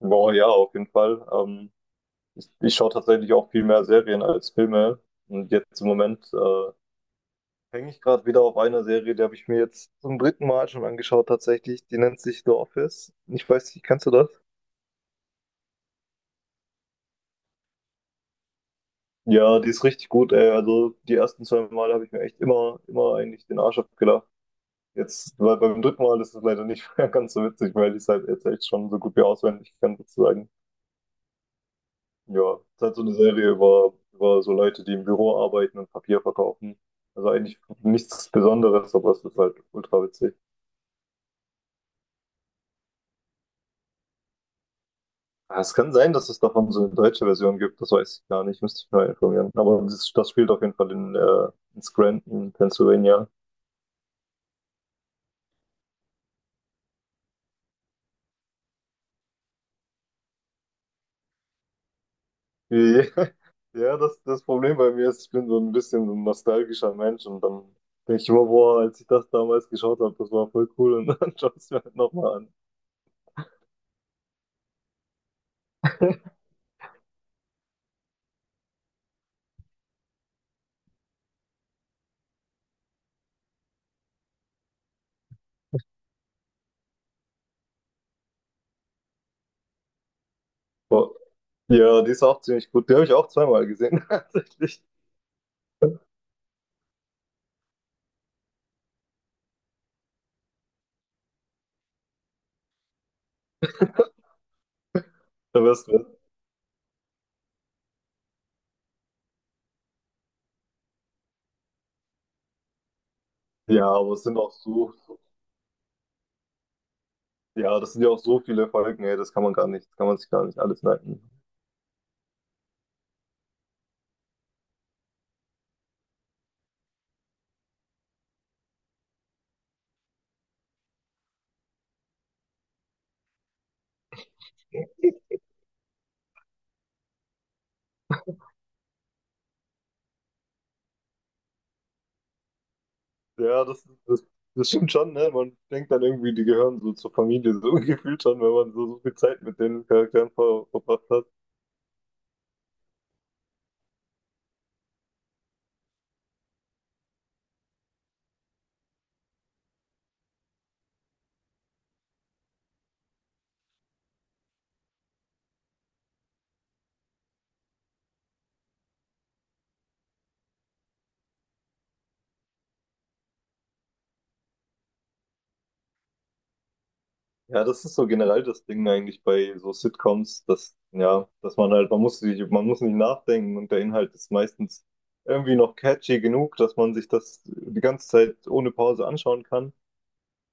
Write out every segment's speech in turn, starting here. Boah, ja, auf jeden Fall. Ich schaue tatsächlich auch viel mehr Serien als Filme. Und jetzt im Moment hänge ich gerade wieder auf einer Serie, die habe ich mir jetzt zum dritten Mal schon angeschaut, tatsächlich. Die nennt sich The Office. Ich weiß nicht, kennst du das? Ja, die ist richtig gut, ey. Also die ersten zwei Mal habe ich mir echt immer eigentlich den Arsch abgelacht. Jetzt, weil beim dritten Mal ist es leider nicht mehr ganz so witzig, weil ich es halt jetzt echt schon so gut wie auswendig kann, sozusagen. Ja, es ist halt so eine Serie über so Leute, die im Büro arbeiten und Papier verkaufen. Also eigentlich nichts Besonderes, aber es ist halt ultra witzig. Ah, es kann sein, dass es davon so eine deutsche Version gibt, das weiß ich gar nicht, müsste ich mal informieren. Aber das spielt auf jeden Fall in Scranton, Pennsylvania. Ja, ja, das Problem bei mir ist, ich bin so ein bisschen so ein nostalgischer Mensch und dann denke ich immer, boah, als ich das damals geschaut habe, das war voll cool und dann schaue ich es mir halt nochmal an. Boah. Ja, die ist auch ziemlich gut. Die habe ich auch zweimal gesehen, tatsächlich. Da wär's drin. Ja, aber es sind auch so, ja, das sind ja auch so viele Folgen, ey, das kann man gar nicht, das kann man sich gar nicht alles merken. Ja, das stimmt schon, ne? Man denkt dann irgendwie, die gehören so zur Familie, so gefühlt schon, wenn man so viel Zeit mit den Charakteren verbracht hat. Ja, das ist so generell das Ding eigentlich bei so Sitcoms, dass, ja, dass man halt, man muss nicht nachdenken und der Inhalt ist meistens irgendwie noch catchy genug, dass man sich das die ganze Zeit ohne Pause anschauen kann.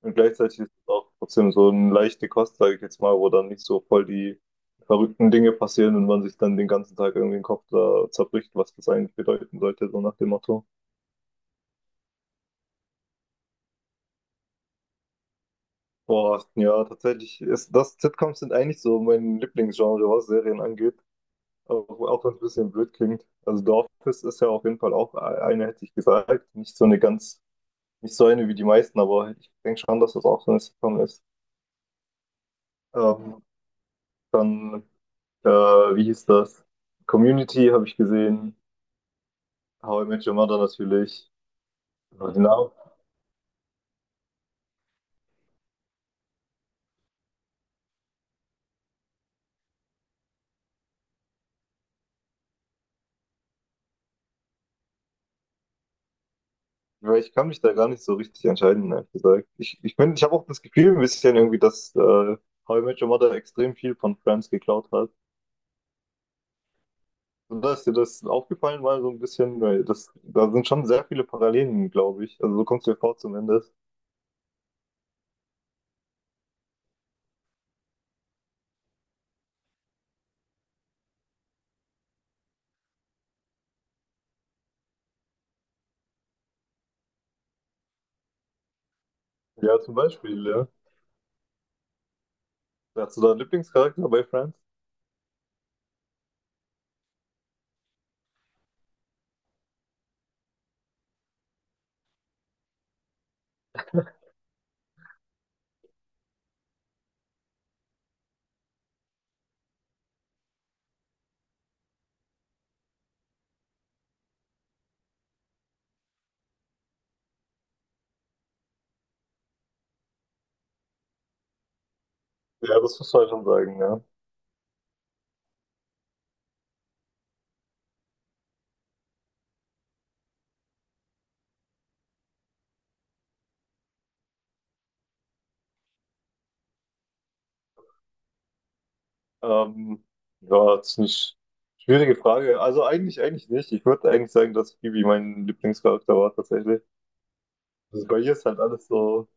Und gleichzeitig ist es auch trotzdem so eine leichte Kost, sage ich jetzt mal, wo dann nicht so voll die verrückten Dinge passieren und man sich dann den ganzen Tag irgendwie den Kopf da zerbricht, was das eigentlich bedeuten sollte, so nach dem Motto. Boah, ja, tatsächlich ist das, Sitcoms sind eigentlich so mein Lieblingsgenre, was Serien angeht, auch wenn es ein bisschen blöd klingt. Also The Office ist ja auf jeden Fall auch hätte ich gesagt, nicht so eine ganz, nicht so eine wie die meisten, aber ich denke schon, dass das auch so eine Sitcom ist. Ähm, dann Äh, wie hieß das? Community habe ich gesehen. How I Met Your Mother natürlich. Aber die Namen, weil ich kann mich da gar nicht so richtig entscheiden, ehrlich gesagt. Ich habe auch das Gefühl ein bisschen irgendwie, dass How I Met Your Mother extrem viel von Friends geklaut hat. Und da ist dir das aufgefallen mal so ein bisschen, weil da sind schon sehr viele Parallelen, glaube ich. Also so kommst du mir vor zumindest. Ja, zum Beispiel, ja. Hast du da einen Lieblingscharakter bei Friends? Ja, das musst du halt schon sagen, ja. Ähm, ja, das ist eine schwierige Frage. Also eigentlich nicht. Ich würde eigentlich sagen, dass Phoebe mein Lieblingscharakter war tatsächlich. Also bei ihr ist halt alles so,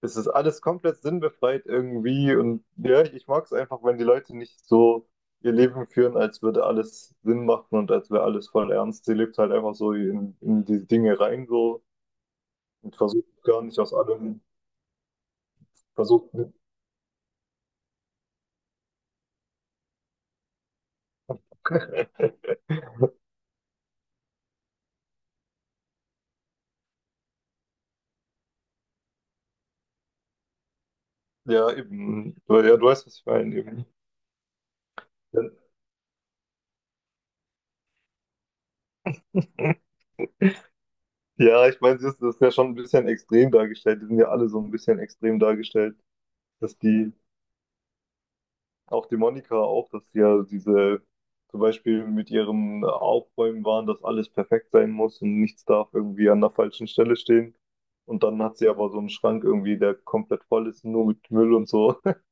es ist alles komplett sinnbefreit irgendwie. Und ja, ich mag es einfach, wenn die Leute nicht so ihr Leben führen, als würde alles Sinn machen und als wäre alles voll ernst. Sie lebt halt einfach so in die Dinge rein so und versucht gar nicht aus allem, versucht. Ja, eben. Ja, du weißt, was ich meine, eben. Ja. Ja, ich meine, das ist ja schon ein bisschen extrem dargestellt. Die sind ja alle so ein bisschen extrem dargestellt, dass die, auch die Monika auch, dass die ja diese, zum Beispiel mit ihrem Aufräumen waren, dass alles perfekt sein muss und nichts darf irgendwie an der falschen Stelle stehen. Und dann hat sie aber so einen Schrank irgendwie, der komplett voll ist, nur mit Müll und so.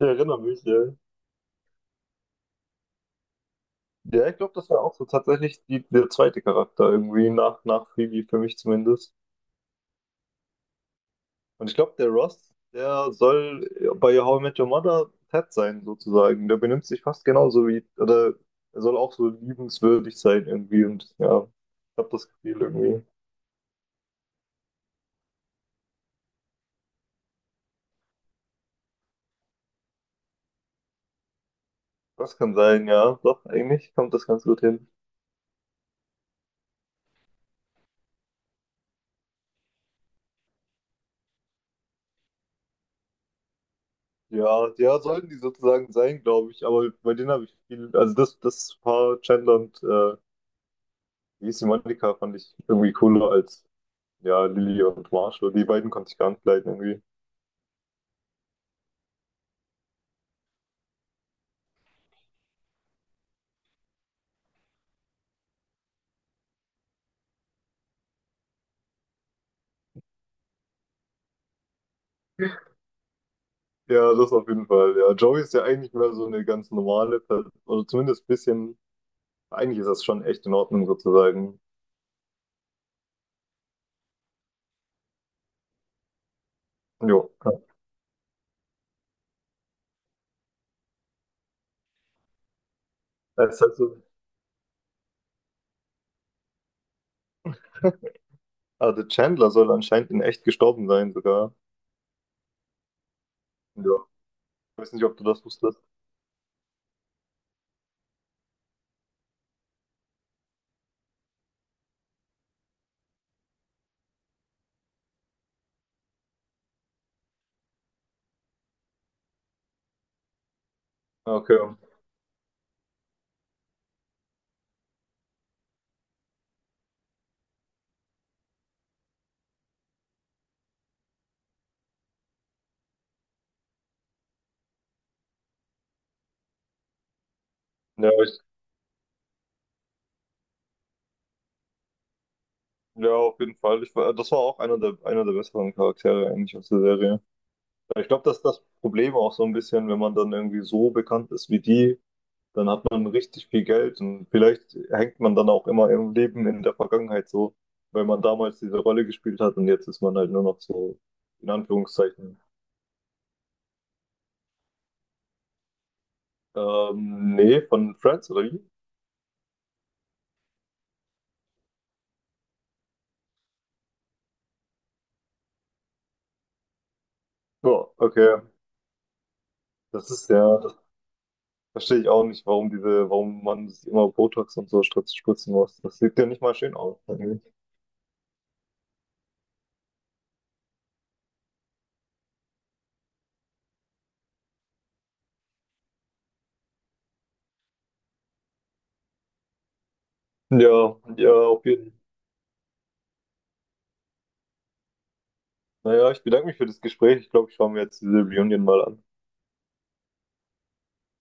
Ich erinnere mich, ja. Ja, ich glaube, das war auch so tatsächlich die, der zweite Charakter irgendwie, nach Phoebe, für mich zumindest. Und ich glaube, der Ross, der soll bei How I Met Your Mother Ted sein, sozusagen. Der benimmt sich fast genauso wie, oder er soll auch so liebenswürdig sein irgendwie. Und ja, ich habe das Gefühl irgendwie. Das kann sein, ja. Doch, eigentlich kommt das ganz gut hin. Ja, ja, sollten die sozusagen sein, glaube ich. Aber bei denen habe ich viel, also das Paar Chandler und wie hieß die Monika fand ich irgendwie cooler als ja, Lily und Marshall. Die beiden konnte ich gar nicht leiden irgendwie. Ja, das auf jeden Fall. Ja, Joey ist ja eigentlich mehr so eine ganz normale Person, oder zumindest ein bisschen, eigentlich ist das schon echt in Ordnung sozusagen. Jo. Das ist halt so. Ah, der Chandler soll anscheinend in echt gestorben sein sogar. Ja. Ich weiß nicht, ob du das wusstest. Ah, okay. Ja, ich, ja, auf jeden Fall. Ich, das war auch einer der besseren Charaktere eigentlich aus der Serie. Ja, ich glaube, das ist das Problem auch so ein bisschen, wenn man dann irgendwie so bekannt ist wie die, dann hat man richtig viel Geld und vielleicht hängt man dann auch immer im Leben in der Vergangenheit so, weil man damals diese Rolle gespielt hat und jetzt ist man halt nur noch so, in Anführungszeichen. Nee, von Friends oder wie? Ja, okay. Das ist ja, das verstehe ich auch nicht, warum diese, warum man sich immer Botox und so spritzen muss. Das sieht ja nicht mal schön aus eigentlich. Ja, ja, auf jeden Fall. Naja, ich bedanke mich für das Gespräch. Ich glaube, ich schaue mir jetzt diese Reunion mal an.